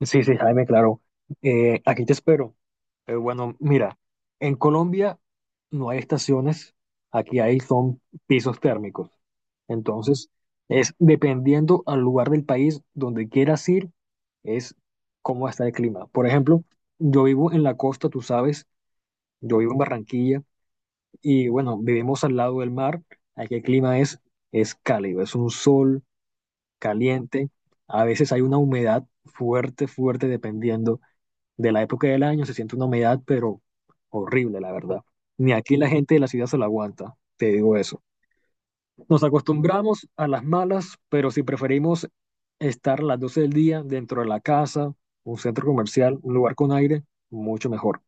Sí, sí, Jaime, claro. Aquí te espero. Bueno, mira, en Colombia no hay estaciones, aquí hay son pisos térmicos. Entonces, es dependiendo al lugar del país donde quieras ir, es cómo está el clima. Por ejemplo, yo vivo en la costa, tú sabes, yo vivo en Barranquilla y bueno, vivimos al lado del mar. Aquí el clima es cálido, es un sol caliente. A veces hay una humedad fuerte, fuerte, dependiendo de la época del año, se siente una humedad, pero horrible, la verdad. Ni aquí la gente de la ciudad se lo aguanta, te digo eso. Nos acostumbramos a las malas, pero si preferimos estar a las 12 del día dentro de la casa, un centro comercial, un lugar con aire, mucho mejor.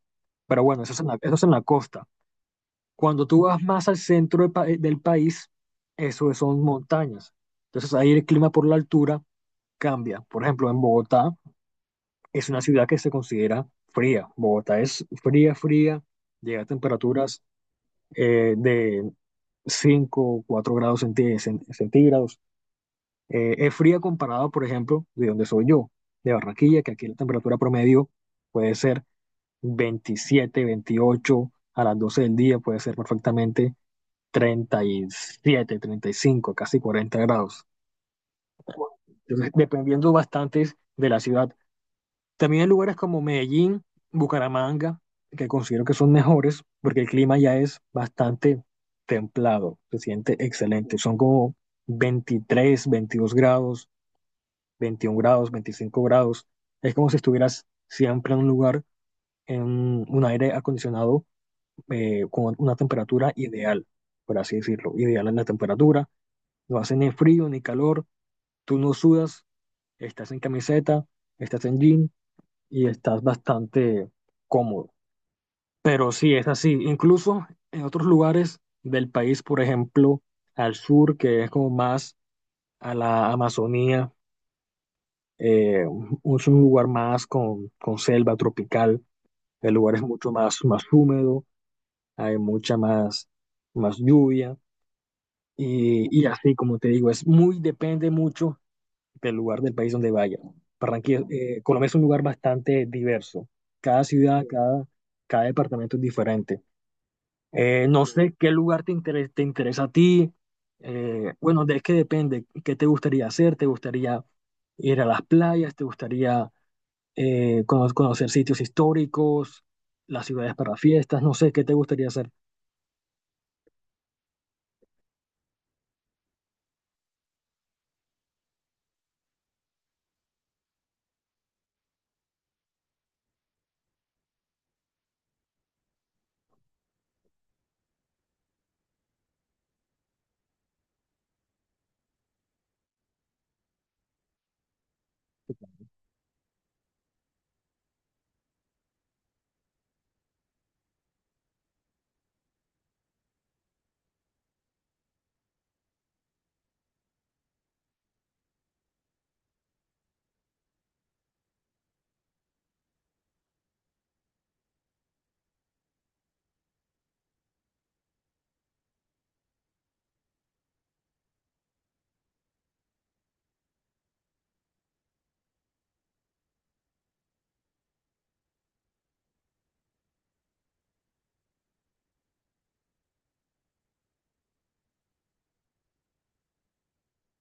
Pero bueno, eso es en la costa. Cuando tú vas más al centro del país, eso son montañas. Entonces ahí el clima por la altura cambia. Por ejemplo, en Bogotá es una ciudad que se considera fría. Bogotá es fría, fría, llega a temperaturas de 5, o 4 grados centígrados. Es fría comparado, por ejemplo, de donde soy yo, de Barranquilla, que aquí la temperatura promedio puede ser 27, 28 a las 12 del día puede ser perfectamente 37, 35, casi 40 grados. Entonces, dependiendo bastante de la ciudad. También hay lugares como Medellín, Bucaramanga, que considero que son mejores porque el clima ya es bastante templado, se siente excelente. Son como 23, 22 grados, 21 grados, 25 grados. Es como si estuvieras siempre en un lugar, en un aire acondicionado con una temperatura ideal, por así decirlo. Ideal en la temperatura, no hace ni frío ni calor, tú no sudas, estás en camiseta, estás en jean y estás bastante cómodo. Pero sí, es así. Incluso en otros lugares del país, por ejemplo, al sur, que es como más a la Amazonía, es un lugar más con selva tropical, el lugar es mucho más húmedo, hay mucha más lluvia y así, como te digo, es depende mucho del lugar del país donde vaya. Barranquilla, Colombia es un lugar bastante diverso. Cada ciudad, cada departamento es diferente. No sé qué lugar te interesa a ti. Bueno, es que depende. ¿Qué te gustaría hacer? ¿Te gustaría ir a las playas? ¿Te gustaría conocer sitios históricos? ¿Las ciudades para fiestas? No sé, ¿qué te gustaría hacer?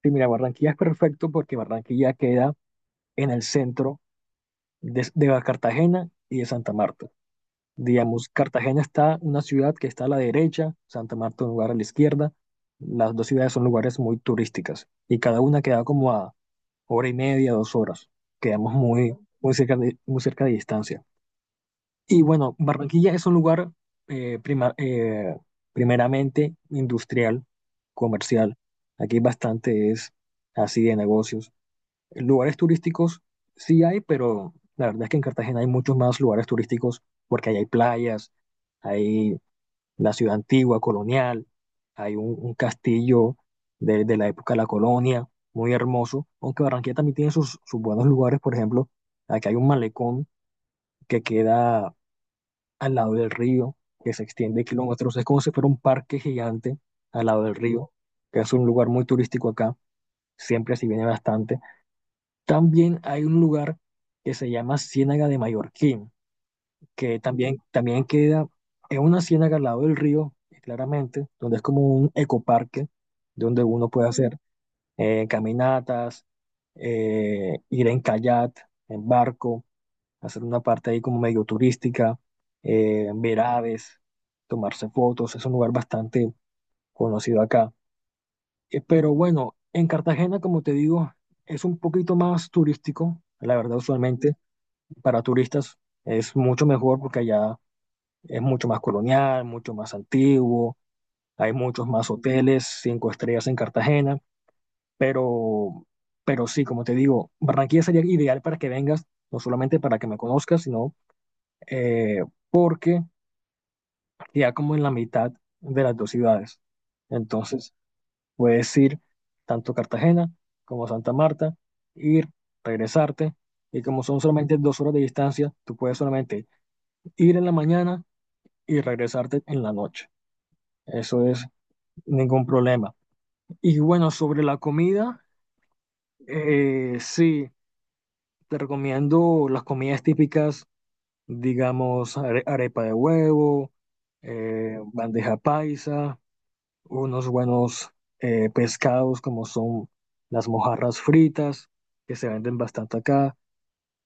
Sí, mira, Barranquilla es perfecto porque Barranquilla queda en el centro de Cartagena y de Santa Marta. Digamos, Cartagena está una ciudad que está a la derecha, Santa Marta un lugar a la izquierda. Las dos ciudades son lugares muy turísticas y cada una queda como a hora y media, 2 horas. Quedamos muy, muy cerca de distancia. Y bueno, Barranquilla es un lugar eh, prima- eh, primeramente industrial, comercial. Aquí bastante es así de negocios. Lugares turísticos sí hay, pero la verdad es que en Cartagena hay muchos más lugares turísticos porque ahí hay playas, hay la ciudad antigua, colonial, hay un castillo de la época de la colonia, muy hermoso, aunque Barranquilla también tiene sus buenos lugares, por ejemplo, aquí hay un malecón que queda al lado del río, que se extiende kilómetros, es como si fuera un parque gigante al lado del río, que es un lugar muy turístico acá, siempre se viene bastante. También hay un lugar que se llama Ciénaga de Mallorquín, que también queda en una ciénaga al lado del río, claramente, donde es como un ecoparque, donde uno puede hacer caminatas, ir en kayak, en barco, hacer una parte ahí como medio turística, ver aves, tomarse fotos, es un lugar bastante conocido acá. Pero bueno, en Cartagena, como te digo, es un poquito más turístico, la verdad, usualmente para turistas es mucho mejor porque allá es mucho más colonial, mucho más antiguo, hay muchos más hoteles, 5 estrellas en Cartagena, pero, pero sí, como te digo, Barranquilla sería ideal para que vengas, no solamente para que me conozcas, sino eh, porque ya como en la mitad de las dos ciudades. Entonces, puedes ir tanto a Cartagena como a Santa Marta, ir, regresarte, y como son solamente 2 horas de distancia, tú puedes solamente ir en la mañana y regresarte en la noche. Eso es ningún problema. Y bueno, sobre la comida, sí, te recomiendo las comidas típicas, digamos, arepa de huevo, bandeja paisa, unos buenos pescados como son las mojarras fritas, que se venden bastante acá.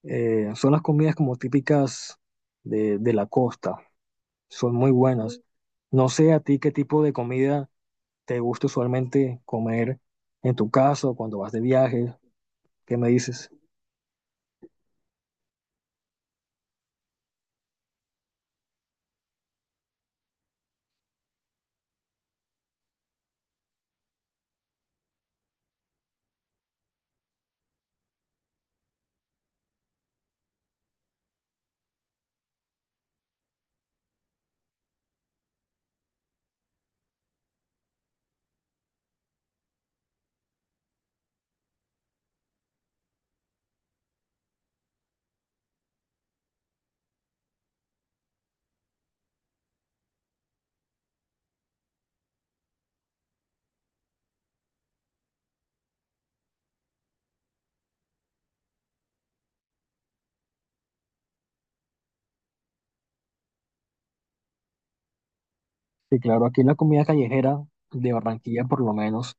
Son las comidas como típicas de la costa, son muy buenas. No sé a ti qué tipo de comida. ¿Te gusta usualmente comer en tu casa o cuando vas de viaje? ¿Qué me dices? Sí, claro, aquí la comida callejera de Barranquilla, por lo menos,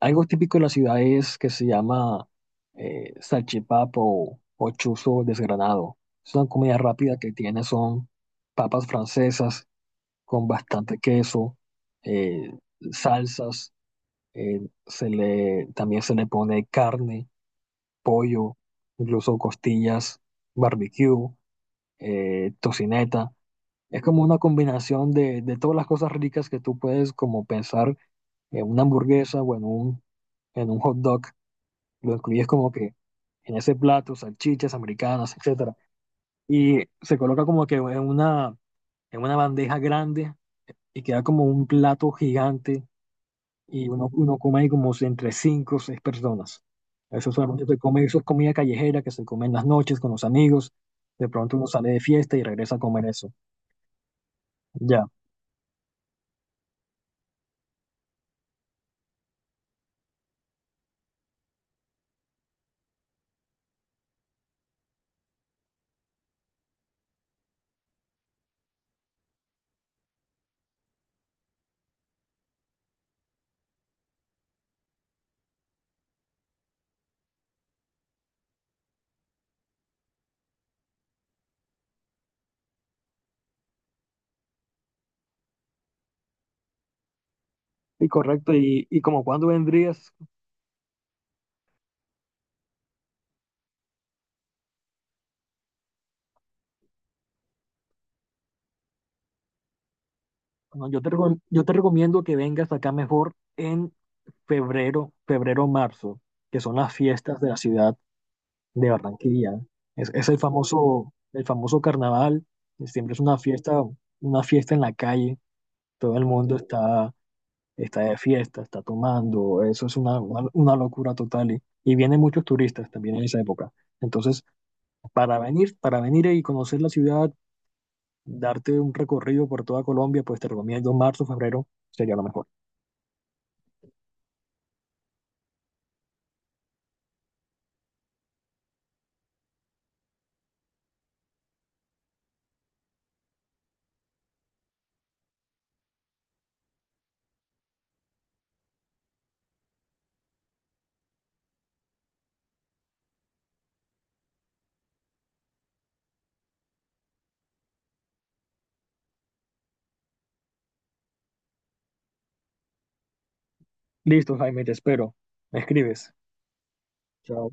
algo típico de la ciudad es que se llama salchipapa o chuzo desgranado. Es una comida rápida que tiene, son papas francesas con bastante queso, eh, salsas, eh, también se le pone carne, pollo, incluso costillas, barbecue, tocineta. Es como una combinación de todas las cosas ricas que tú puedes como pensar en una hamburguesa o en un hot dog. Lo incluyes como que en ese plato, salchichas americanas, etcétera. Y se coloca como que en una bandeja grande y queda como un plato gigante y uno come ahí como si entre cinco o seis personas. Eso solamente se come, eso es comida callejera que se come en las noches con los amigos. De pronto uno sale de fiesta y regresa a comer eso. Ya. Sí, correcto. Y como cuándo vendrías? Bueno, yo te recomiendo que vengas acá mejor en febrero, marzo, que son las fiestas de la ciudad de Barranquilla. ¿Eh? Es el famoso carnaval. Siempre es una fiesta en la calle. Todo el mundo está de fiesta, está tomando. Eso es una locura total. Y vienen muchos turistas también en esa época. Entonces, para venir y conocer la ciudad, darte un recorrido por toda Colombia, pues te recomiendo marzo, febrero, sería lo mejor. Listo, Jaime, te espero. Me escribes. Chao.